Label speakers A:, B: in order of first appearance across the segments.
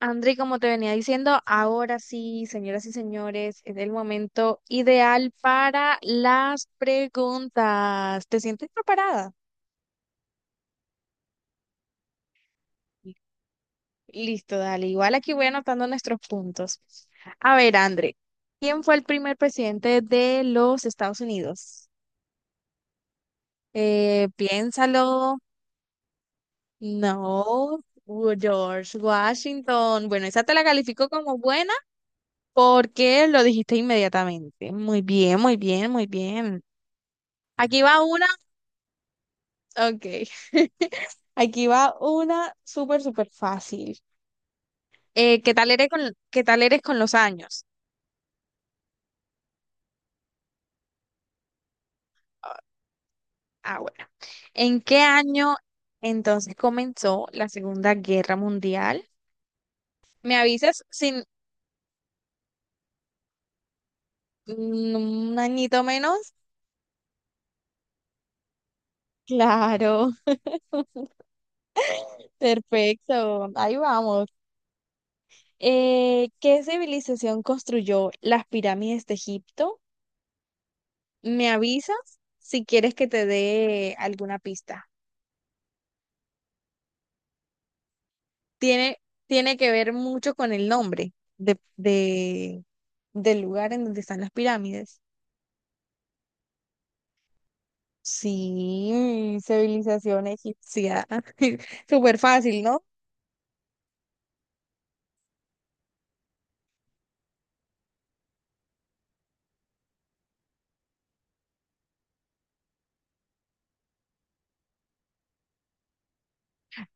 A: André, como te venía diciendo, ahora sí, señoras y señores, es el momento ideal para las preguntas. ¿Te sientes preparada? Listo, dale. Igual aquí voy anotando nuestros puntos. A ver, André, ¿quién fue el primer presidente de los Estados Unidos? Piénsalo. No, George Washington. Bueno, esa te la califico como buena porque lo dijiste inmediatamente. Muy bien, muy bien, muy bien. Aquí va una, ok. Aquí va una súper, súper fácil. Eh, ¿qué tal eres con, qué tal eres con los años? Ah, ah, bueno. ¿En qué año entonces comenzó la Segunda Guerra Mundial? ¿Me avisas sin mm, un añito menos? Claro, perfecto. Ahí vamos. ¿Qué civilización construyó las pirámides de Egipto? ¿Me avisas si quieres que te dé alguna pista? tiene, tiene que ver mucho con el nombre del lugar en donde están las pirámides. Sí, civilización egipcia. Súper fácil, ¿no?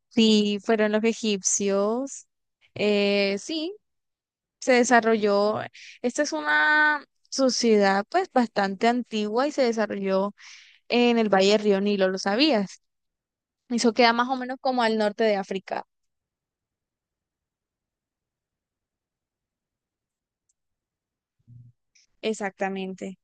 A: Sí, fueron los egipcios. Sí, se desarrolló. Esta es una sociedad pues bastante antigua y se desarrolló en el Valle del Río Nilo, ¿lo sabías? Eso queda más o menos como al norte de África. Exactamente.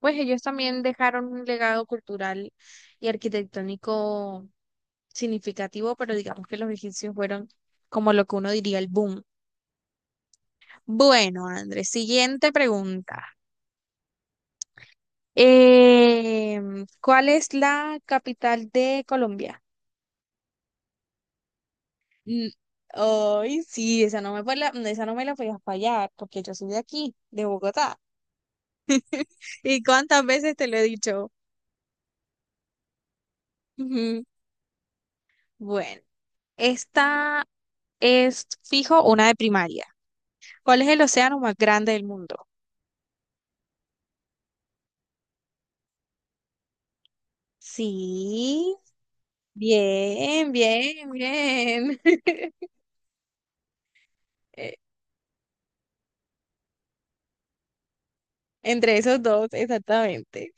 A: Pues ellos también dejaron un legado cultural y arquitectónico significativo, pero digamos que los egipcios fueron como lo que uno diría el boom. Bueno, Andrés, siguiente pregunta. ¿Cuál es la capital de Colombia? Mm, Ay, sí, esa no me la podías fallar, porque yo soy de aquí, de Bogotá. ¿Y cuántas veces te lo he dicho? Ujú. Bueno, esta es fijo una de primaria. ¿Cuál es el océano más grande del mundo? Sí. Bien, bien, bien. Eh, Entre esos dos, exactamente.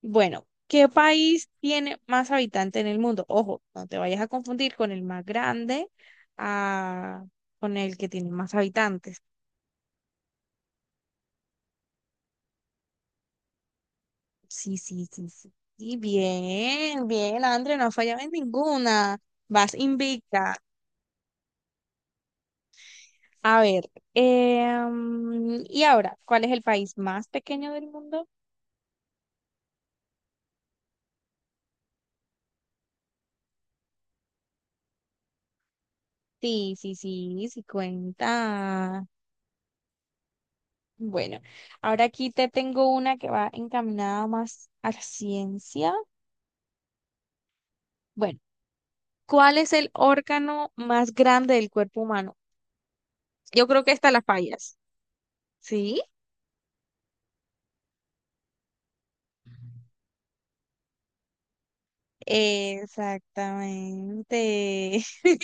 A: Bueno, ¿qué país tiene más habitantes en el mundo? Ojo, no te vayas a confundir con el más grande, ah, con el que tiene más habitantes. Sí, sí, sí, sí. Y bien, bien, André, no fallaba en ninguna. Vas invicta. A ver, y ahora, ¿cuál es el país más pequeño del mundo? Sí, sí, sí, sí cuenta. Bueno, ahora aquí te tengo una que va encaminada más a la ciencia. Bueno, ¿cuál es el órgano más grande del cuerpo humano? Yo creo que esta la fallas. ¿Sí? Exactamente.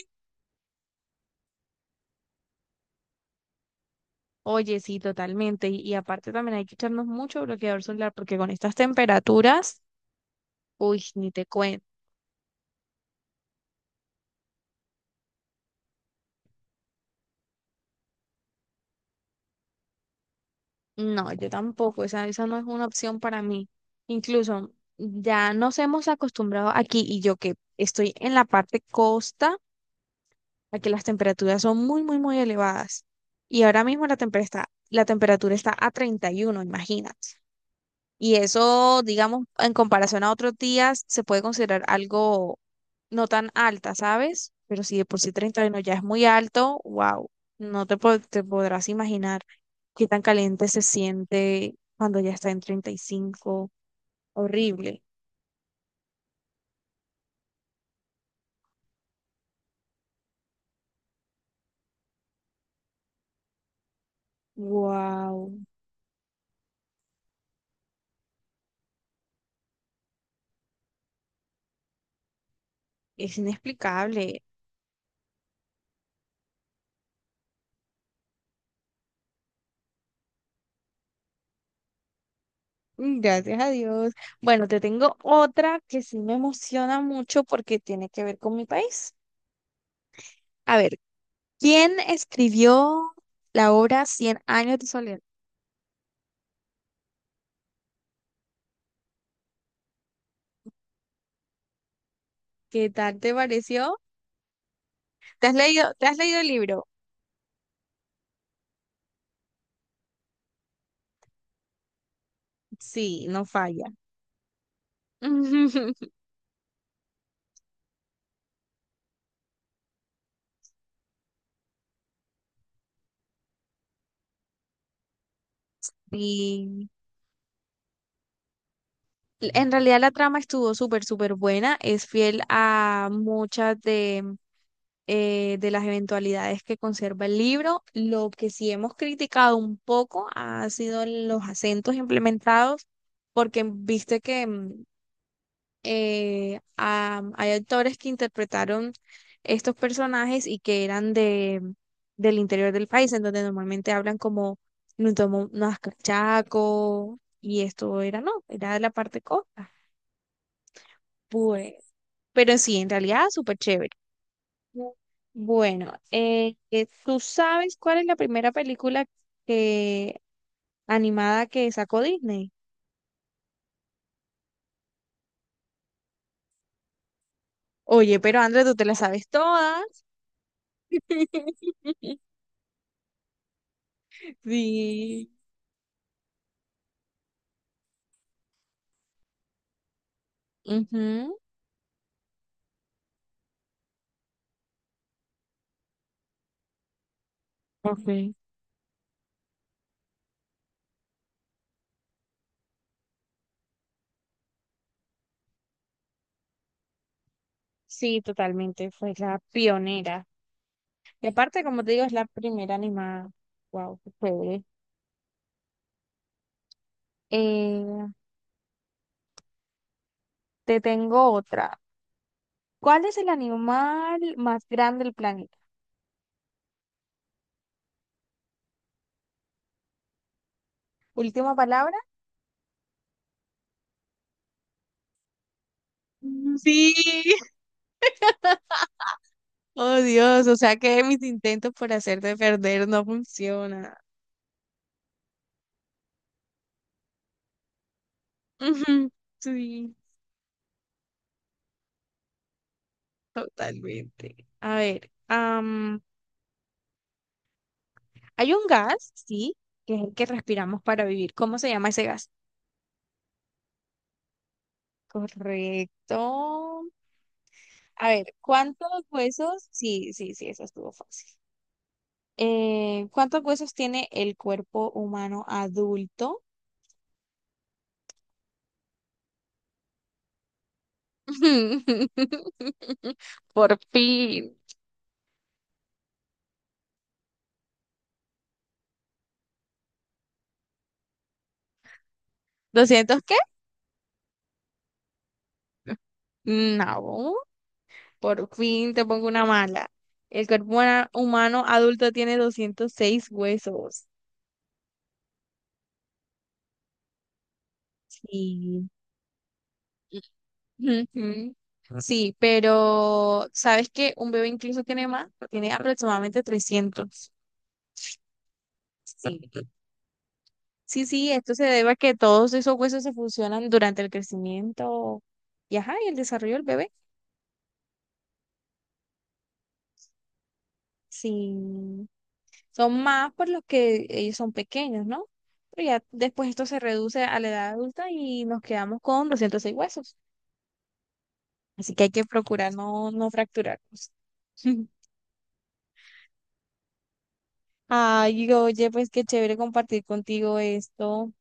A: Oye, sí, totalmente. Y aparte también hay que echarnos mucho bloqueador solar porque con estas temperaturas, uy, ni te cuento. No, yo tampoco, esa no es una opción para mí. Incluso ya nos hemos acostumbrado aquí y yo que estoy en la parte costa, a que las temperaturas son muy, muy, muy elevadas. Y ahora mismo la temperatura está a 31. Imagínate. Y eso, digamos, en comparación a otros días, se puede considerar algo no tan alta, ¿sabes? Pero si de por sí 31 ya es muy alto, wow, no te, po- te podrás imaginar qué tan caliente se siente cuando ya está en 35. Horrible. Wow, es inexplicable. Gracias a Dios. Bueno, te tengo otra que sí me emociona mucho porque tiene que ver con mi país. A ver. ¿Quién escribió la obra Cien años de soledad? ¿Qué tal te pareció? ¿Te has leído el libro? Sí, no falla. Y en realidad la trama estuvo súper, súper buena. Es fiel a muchas de las eventualidades que conserva el libro. Lo que sí hemos criticado un poco ha sido los acentos implementados, porque viste que hay actores que interpretaron estos personajes y que eran del interior del país, en donde normalmente hablan como nos tomó unas cachaco y esto era, no, era de la parte costa. Pues, pero sí, en realidad súper chévere. Bu- Bueno, ¿tú sabes cuál es la primera película que, animada que sacó Disney? Oye, pero André, tú te la sabes todas. Sí. Ujú. Ok. Sí, totalmente, fue la pionera. Y aparte, como te digo, es la primera animada. Wow, qué chévere. Eh, te tengo otra. ¿Cuál es el animal más grande del planeta? Última palabra. Sí, oh Dios, o sea que mis intentos por hacerte perder no funcionan. Ujú, Sí, totalmente. A ver, hay un gas, sí, que es el que respiramos para vivir. ¿Cómo se llama ese gas? Correcto. A ver, ¿cuántos huesos? Sí, sí, sí, eso estuvo fácil. ¿Cuántos huesos tiene el cuerpo humano adulto? Por fin. ¿200 qué? No, por fin te pongo una mala. El cuerpo humano adulto tiene 206 huesos. Sí. Ujú. Sí, pero ¿sabes que un bebé incluso tiene más, tiene aproximadamente 300? Sí. Sí, sí, esto se debe a que todos esos huesos se funcionan durante el crecimiento y, ajá, y el desarrollo del bebé. Sí, son más por los que ellos son pequeños, ¿no? Pero ya después esto se reduce a la edad adulta y nos quedamos con 206 huesos. Así que hay que procurar no, no fracturarnos. Ay, oye, pues qué chévere compartir contigo esto.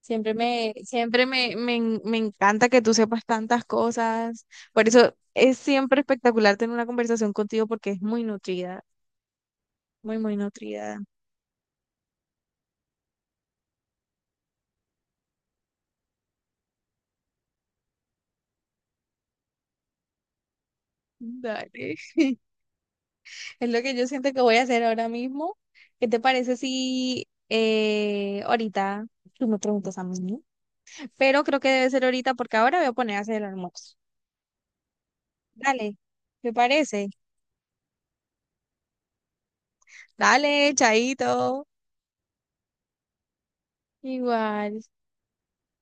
A: Siempre me, me, en- me encanta que tú sepas tantas cosas. Por eso es siempre espectacular tener una conversación contigo porque es muy nutrida, muy, muy nutrida. Dale. Es lo que yo siento que voy a hacer ahora mismo. ¿Qué te parece si ahorita tú me preguntas a mí? ¿No? Pero creo que debe ser ahorita porque ahora voy a poner a hacer el almuerzo. Dale, ¿te parece? Dale, chaito. Igual.